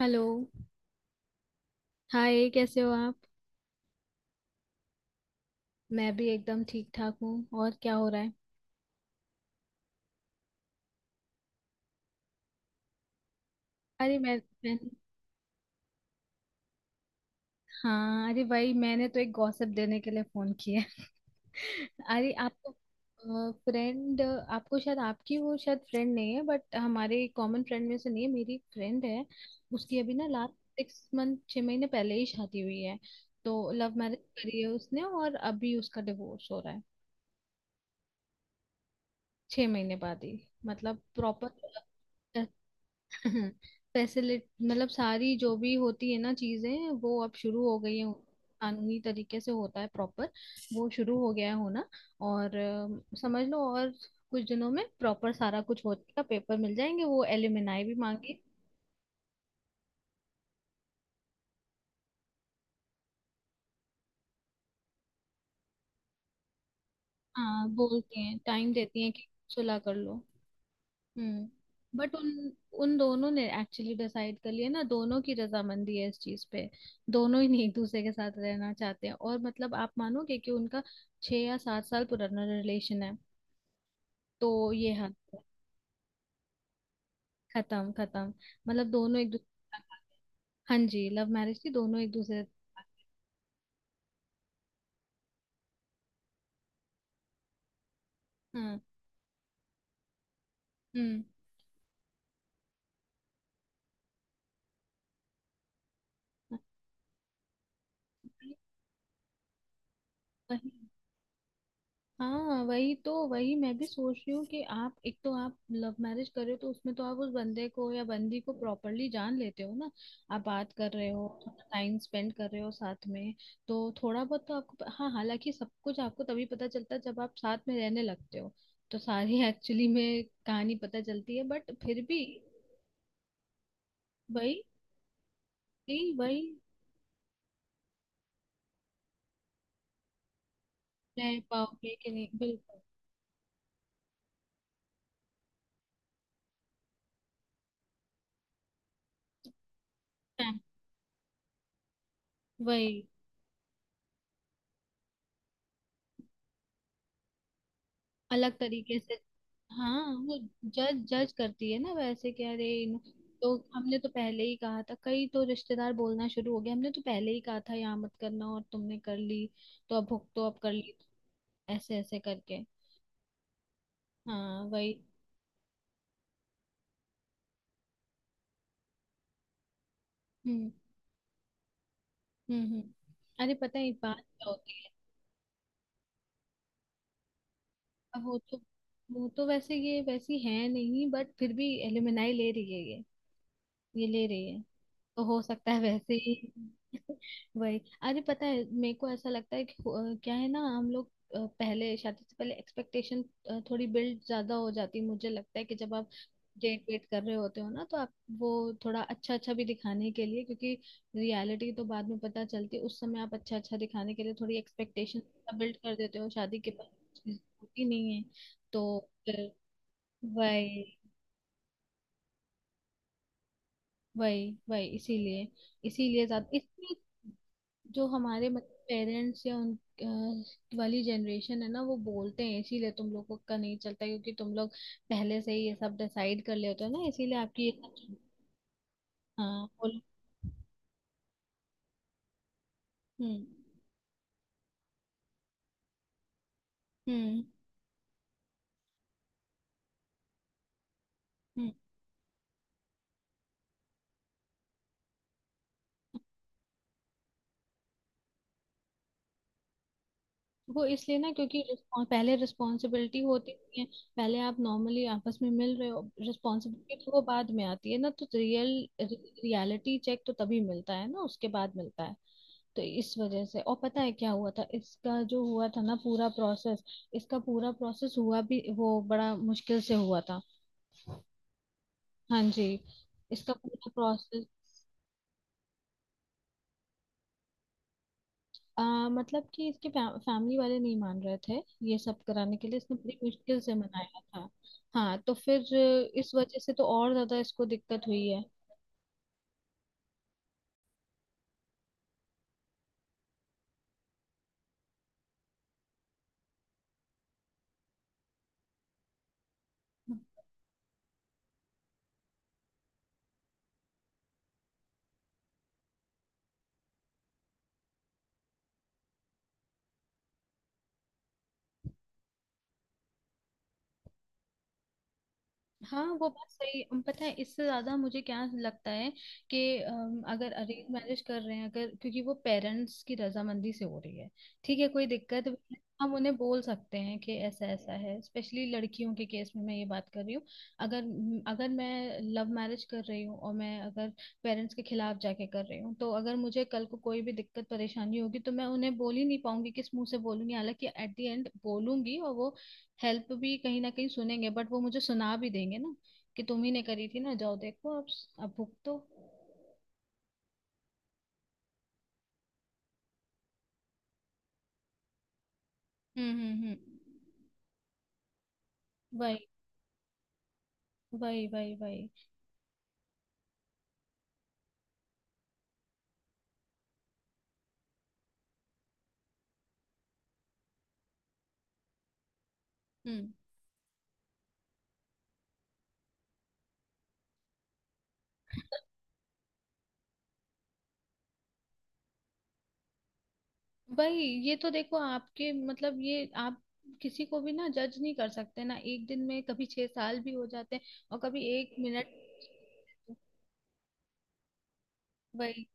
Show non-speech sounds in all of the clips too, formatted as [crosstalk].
Hello. Hi, कैसे हो आप? मैं भी एकदम ठीक ठाक हूँ। और क्या हो रहा है? अरे मैं हाँ, अरे भाई, मैंने तो एक गॉसिप देने के लिए फोन किया है। [laughs] अरे, आपको फ्रेंड, आपको शायद, आपकी वो शायद फ्रेंड नहीं है, बट हमारे कॉमन फ्रेंड में से नहीं है। मेरी एक फ्रेंड है, उसकी अभी ना, लास्ट सिक्स मंथ, छह महीने पहले ही शादी हुई है। तो लव मैरिज करी है उसने, और अभी उसका डिवोर्स हो रहा है, छह महीने बाद ही। मतलब प्रॉपर फैसिलिट, मतलब सारी जो भी होती है ना चीजें, वो अब शुरू हो गई है। कानूनी तरीके से होता है प्रॉपर, वो शुरू हो गया है होना। और समझ लो, और कुछ दिनों में प्रॉपर सारा कुछ हो जाएगा, पेपर मिल जाएंगे, वो एलिमनाई भी मांगे। हाँ, बोलते हैं टाइम देती हैं कि सुलह कर लो। हम्म। बट उन उन दोनों ने एक्चुअली डिसाइड कर लिया ना, दोनों की रजामंदी है इस चीज पे। दोनों ही नहीं एक दूसरे के साथ रहना चाहते हैं और मतलब, आप मानोगे कि उनका छह या सात साल पुराना रिलेशन है। तो ये हाल है। खत्म, खत्म। मतलब दोनों एक दूसरे के साथ- हाँ जी, लव मैरिज थी, दोनों एक दूसरे। हाँ। हम्म। वही। हाँ, वही तो, वही मैं भी सोच रही हूँ कि आप एक तो, आप लव मैरिज कर रहे हो तो उसमें तो आप उस बंदे को या बंदी को प्रॉपरली जान लेते हो ना। आप बात कर रहे हो, थोड़ा टाइम स्पेंड कर रहे हो साथ में। तो थोड़ा बहुत तो आपको, हाँ, हालांकि सब कुछ आपको तभी पता चलता है जब आप साथ में रहने लगते हो। तो सारी [laughs] एक्चुअली में कहानी पता चलती है, बट फिर भी। वही, वही, वही। रह पाओगे कि नहीं, बिल्कुल। फैम- वही। अलग तरीके से। हाँ, वो। जज जज करती है ना, वैसे कि अरे, तो हमने तो पहले ही कहा था, कई तो रिश्तेदार बोलना शुरू हो गए, हमने तो पहले ही कहा था यहाँ मत करना और तुमने कर ली। तो अब भुगतो, अब कर ली। ऐसे ऐसे करके। हाँ, वही। हम्म, हम्म, हम्म। अरे पता है बात क्या होती है? अब वो तो वैसे ये वैसी है नहीं, बट फिर भी एलुमनाई ले रही है, ये ले रही है। तो हो सकता है वैसे ही। [laughs] वही। अरे पता है, मेरे को ऐसा लगता है कि क्या है ना, हम लोग पहले, शादी से पहले एक्सपेक्टेशन थोड़ी बिल्ड ज्यादा हो जाती है। मुझे लगता है कि जब आप डेट वेट कर रहे होते हो ना, तो आप वो थोड़ा अच्छा अच्छा भी दिखाने के लिए, क्योंकि रियलिटी तो बाद में पता चलती है। उस समय आप अच्छा अच्छा दिखाने के लिए थोड़ी एक्सपेक्टेशन बिल्ड कर देते हो, शादी के बाद वो चीज़ होती नहीं है। तो फिर। वही, वही, वही, इसीलिए। इसीलिए ज्यादा, इसलिए जो हमारे मतलब पेरेंट्स या उन वाली जनरेशन है ना, वो बोलते हैं इसीलिए तुम लोगों का नहीं चलता, क्योंकि तुम लोग पहले से ही ये सब डिसाइड कर लेते हो ना, इसीलिए आपकी ये सब। हाँ, बोलो। हम्म, हम्म, हम्म। वो इसलिए ना, क्योंकि पहले रिस्पॉन्सिबिलिटी होती नहीं है। पहले आप नॉर्मली आपस में मिल रहे हो, रिस्पॉन्सिबिलिटी तो वो बाद में आती है ना, तो रियलिटी चेक तो तभी मिलता है ना, उसके बाद मिलता है। तो इस वजह से। और पता है क्या हुआ था? इसका जो हुआ था ना पूरा प्रोसेस, इसका पूरा प्रोसेस हुआ भी वो बड़ा मुश्किल से हुआ था। हाँ जी, इसका पूरा प्रोसेस। मतलब कि इसके फैमिली वाले नहीं मान रहे थे, ये सब कराने के लिए इसने बड़ी मुश्किल से मनाया था। हाँ, तो फिर इस वजह से तो और ज्यादा इसको दिक्कत हुई है। हाँ, वो बात सही है। पता है इससे ज्यादा मुझे क्या लगता है? कि अगर अरेंज मैरिज कर रहे हैं, अगर क्योंकि वो पेरेंट्स की रजामंदी से हो रही है, ठीक है, कोई दिक्कत भी है, हम उन्हें बोल सकते हैं कि ऐसा ऐसा है। स्पेशली लड़कियों के केस में मैं ये बात कर रही हूँ। अगर अगर मैं लव मैरिज कर रही हूँ और मैं, अगर पेरेंट्स के खिलाफ जाके कर रही हूँ, तो अगर मुझे कल को कोई भी दिक्कत परेशानी होगी, तो मैं उन्हें बोल ही नहीं पाऊंगी, किस मुंह से बोलूंगी? हालांकि एट द एंड बोलूंगी और वो हेल्प भी कहीं ना कहीं सुनेंगे, बट वो मुझे सुना भी देंगे ना, कि तुम ही ने करी थी ना, जाओ देखो अब भुगतो। हम्म, हम्म, हम्म। वही, वही, वही, वही। हम्म। भाई, ये तो देखो आपके मतलब, ये आप किसी को भी ना जज नहीं कर सकते ना, एक दिन में कभी छह साल भी हो जाते हैं और कभी एक मिनट। वही।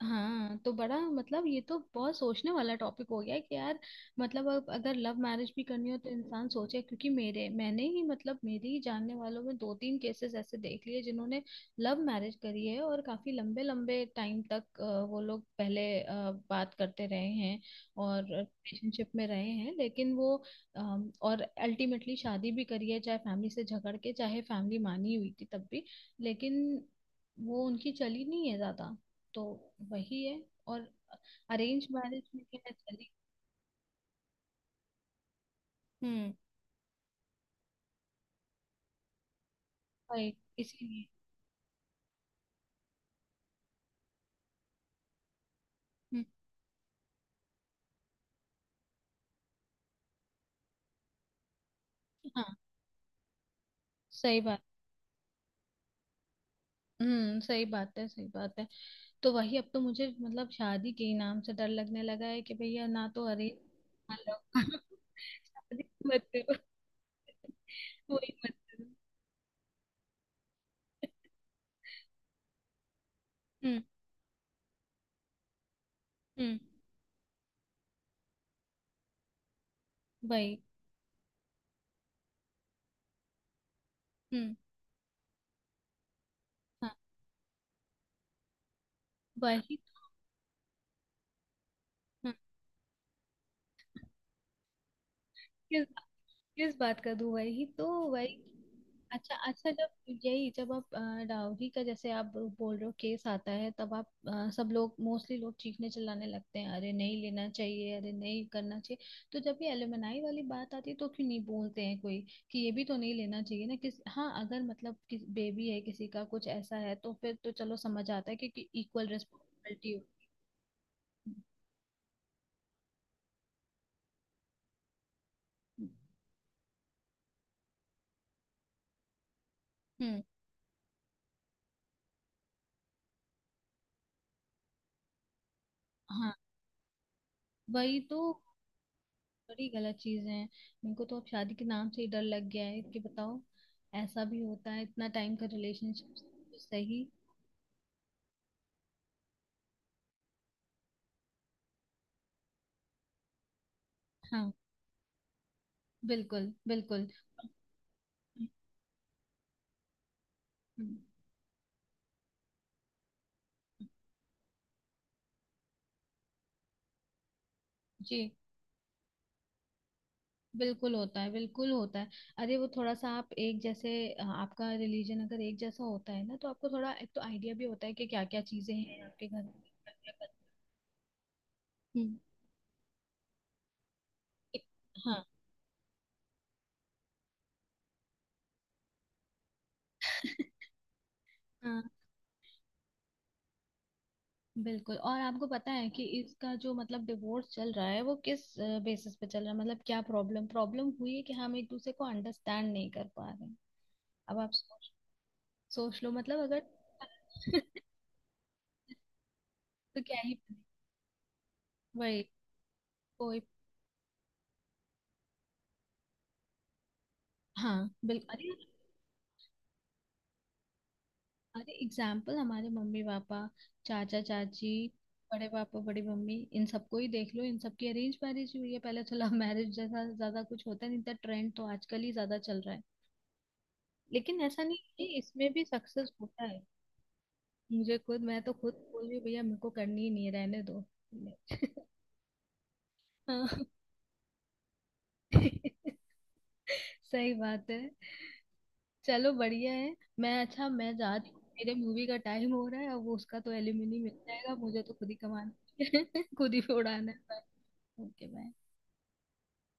हाँ, तो बड़ा मतलब ये तो बहुत सोचने वाला टॉपिक हो गया है कि यार, मतलब अब अगर लव मैरिज भी करनी हो तो इंसान सोचे, क्योंकि मेरे, मैंने ही, मतलब मेरी ही जानने वालों में दो तीन केसेस ऐसे देख लिए, जिन्होंने लव मैरिज करी है और काफी लंबे लंबे टाइम तक वो लोग पहले बात करते रहे हैं और रिलेशनशिप में रहे हैं, लेकिन वो और अल्टीमेटली शादी भी करी है, चाहे फैमिली से झगड़ के, चाहे फैमिली मानी हुई थी तब भी, लेकिन वो उनकी चली नहीं है ज्यादा। तो वही है। और अरेंज मैरिज में क्या है चली। हम्म, गई, इसीलिए। हम्म। हाँ, सही बात। हम्म, सही बात है, सही बात है। तो वही, अब तो मुझे मतलब शादी के ही नाम से डर लगने लगा है कि भैया, ना तो अरेंज, ना लव। [laughs] शादी मत करो। वही, मत करो। हम्म, हम्म। वही। हम्म। हाँ, वही। हम्म, किस बात का दो, वही तो। वही। अच्छा, अच्छा, जब यही जब आप डाउरी का, जैसे आप बोल रहे हो, केस आता है, तब आप सब लोग, मोस्टली लोग, चीखने चिल्लाने लगते हैं, अरे नहीं लेना चाहिए, अरे नहीं करना चाहिए। तो जब ये एलुमनाई वाली बात आती है तो क्यों नहीं बोलते हैं कोई कि ये भी तो नहीं लेना चाहिए ना? किस, हाँ, अगर मतलब किस बेबी है, किसी का कुछ ऐसा है, तो फिर तो चलो समझ आता है, क्योंकि इक्वल रिस्पॉन्सिबिलिटी। हम्म। हाँ, वही तो। बड़ी गलत चीजें हैं। इनको तो अब शादी के नाम से ही डर लग गया है कि बताओ, ऐसा भी होता है इतना टाइम का रिलेशनशिप। तो सही। हाँ, बिल्कुल, बिल्कुल। जी, बिल्कुल होता है, बिल्कुल होता है। अरे, वो थोड़ा सा आप एक, जैसे आपका रिलीजन अगर एक जैसा होता है ना, तो आपको थोड़ा, एक तो आइडिया भी होता है कि क्या क्या चीजें हैं आपके घर में, क्या-क्या करना है। एक- हाँ, बिल्कुल। और आपको पता है कि इसका जो मतलब डिवोर्स चल रहा है, वो किस बेसिस पे चल रहा है? मतलब क्या प्रॉब्लम, प्रॉब्लम हुई है कि हम एक दूसरे को अंडरस्टैंड नहीं कर पा रहे हैं। अब आप सोच, लो, मतलब अगर [laughs] तो क्या ही। वही, कोई। हाँ, बिल्कुल। अरे, अरे एग्जाम्पल, हमारे मम्मी पापा, चाचा चाची, बड़े पापा, बड़ी मम्मी, इन सबको ही देख लो, इन सबकी अरेंज मैरिज हुई है। पहले तो लव मैरिज जैसा ज्यादा कुछ होता नहीं था, ट्रेंड तो आजकल ही ज्यादा चल रहा है, लेकिन ऐसा नहीं कि इसमें भी सक्सेस होता है। मुझे खुद, मैं तो खुद बोल रही हूँ, भैया मेरे को करनी ही नहीं है, रहने दो। [laughs] हाँ। [laughs] सही बात है। चलो, बढ़िया है, मैं, अच्छा, मैं जाती हूँ, मेरे मूवी का टाइम हो रहा है, अब वो उसका तो एलिमनी मिल जाएगा, मुझे तो खुद ही कमाना है, [laughs] खुद ही उड़ाना है। Okay, bye.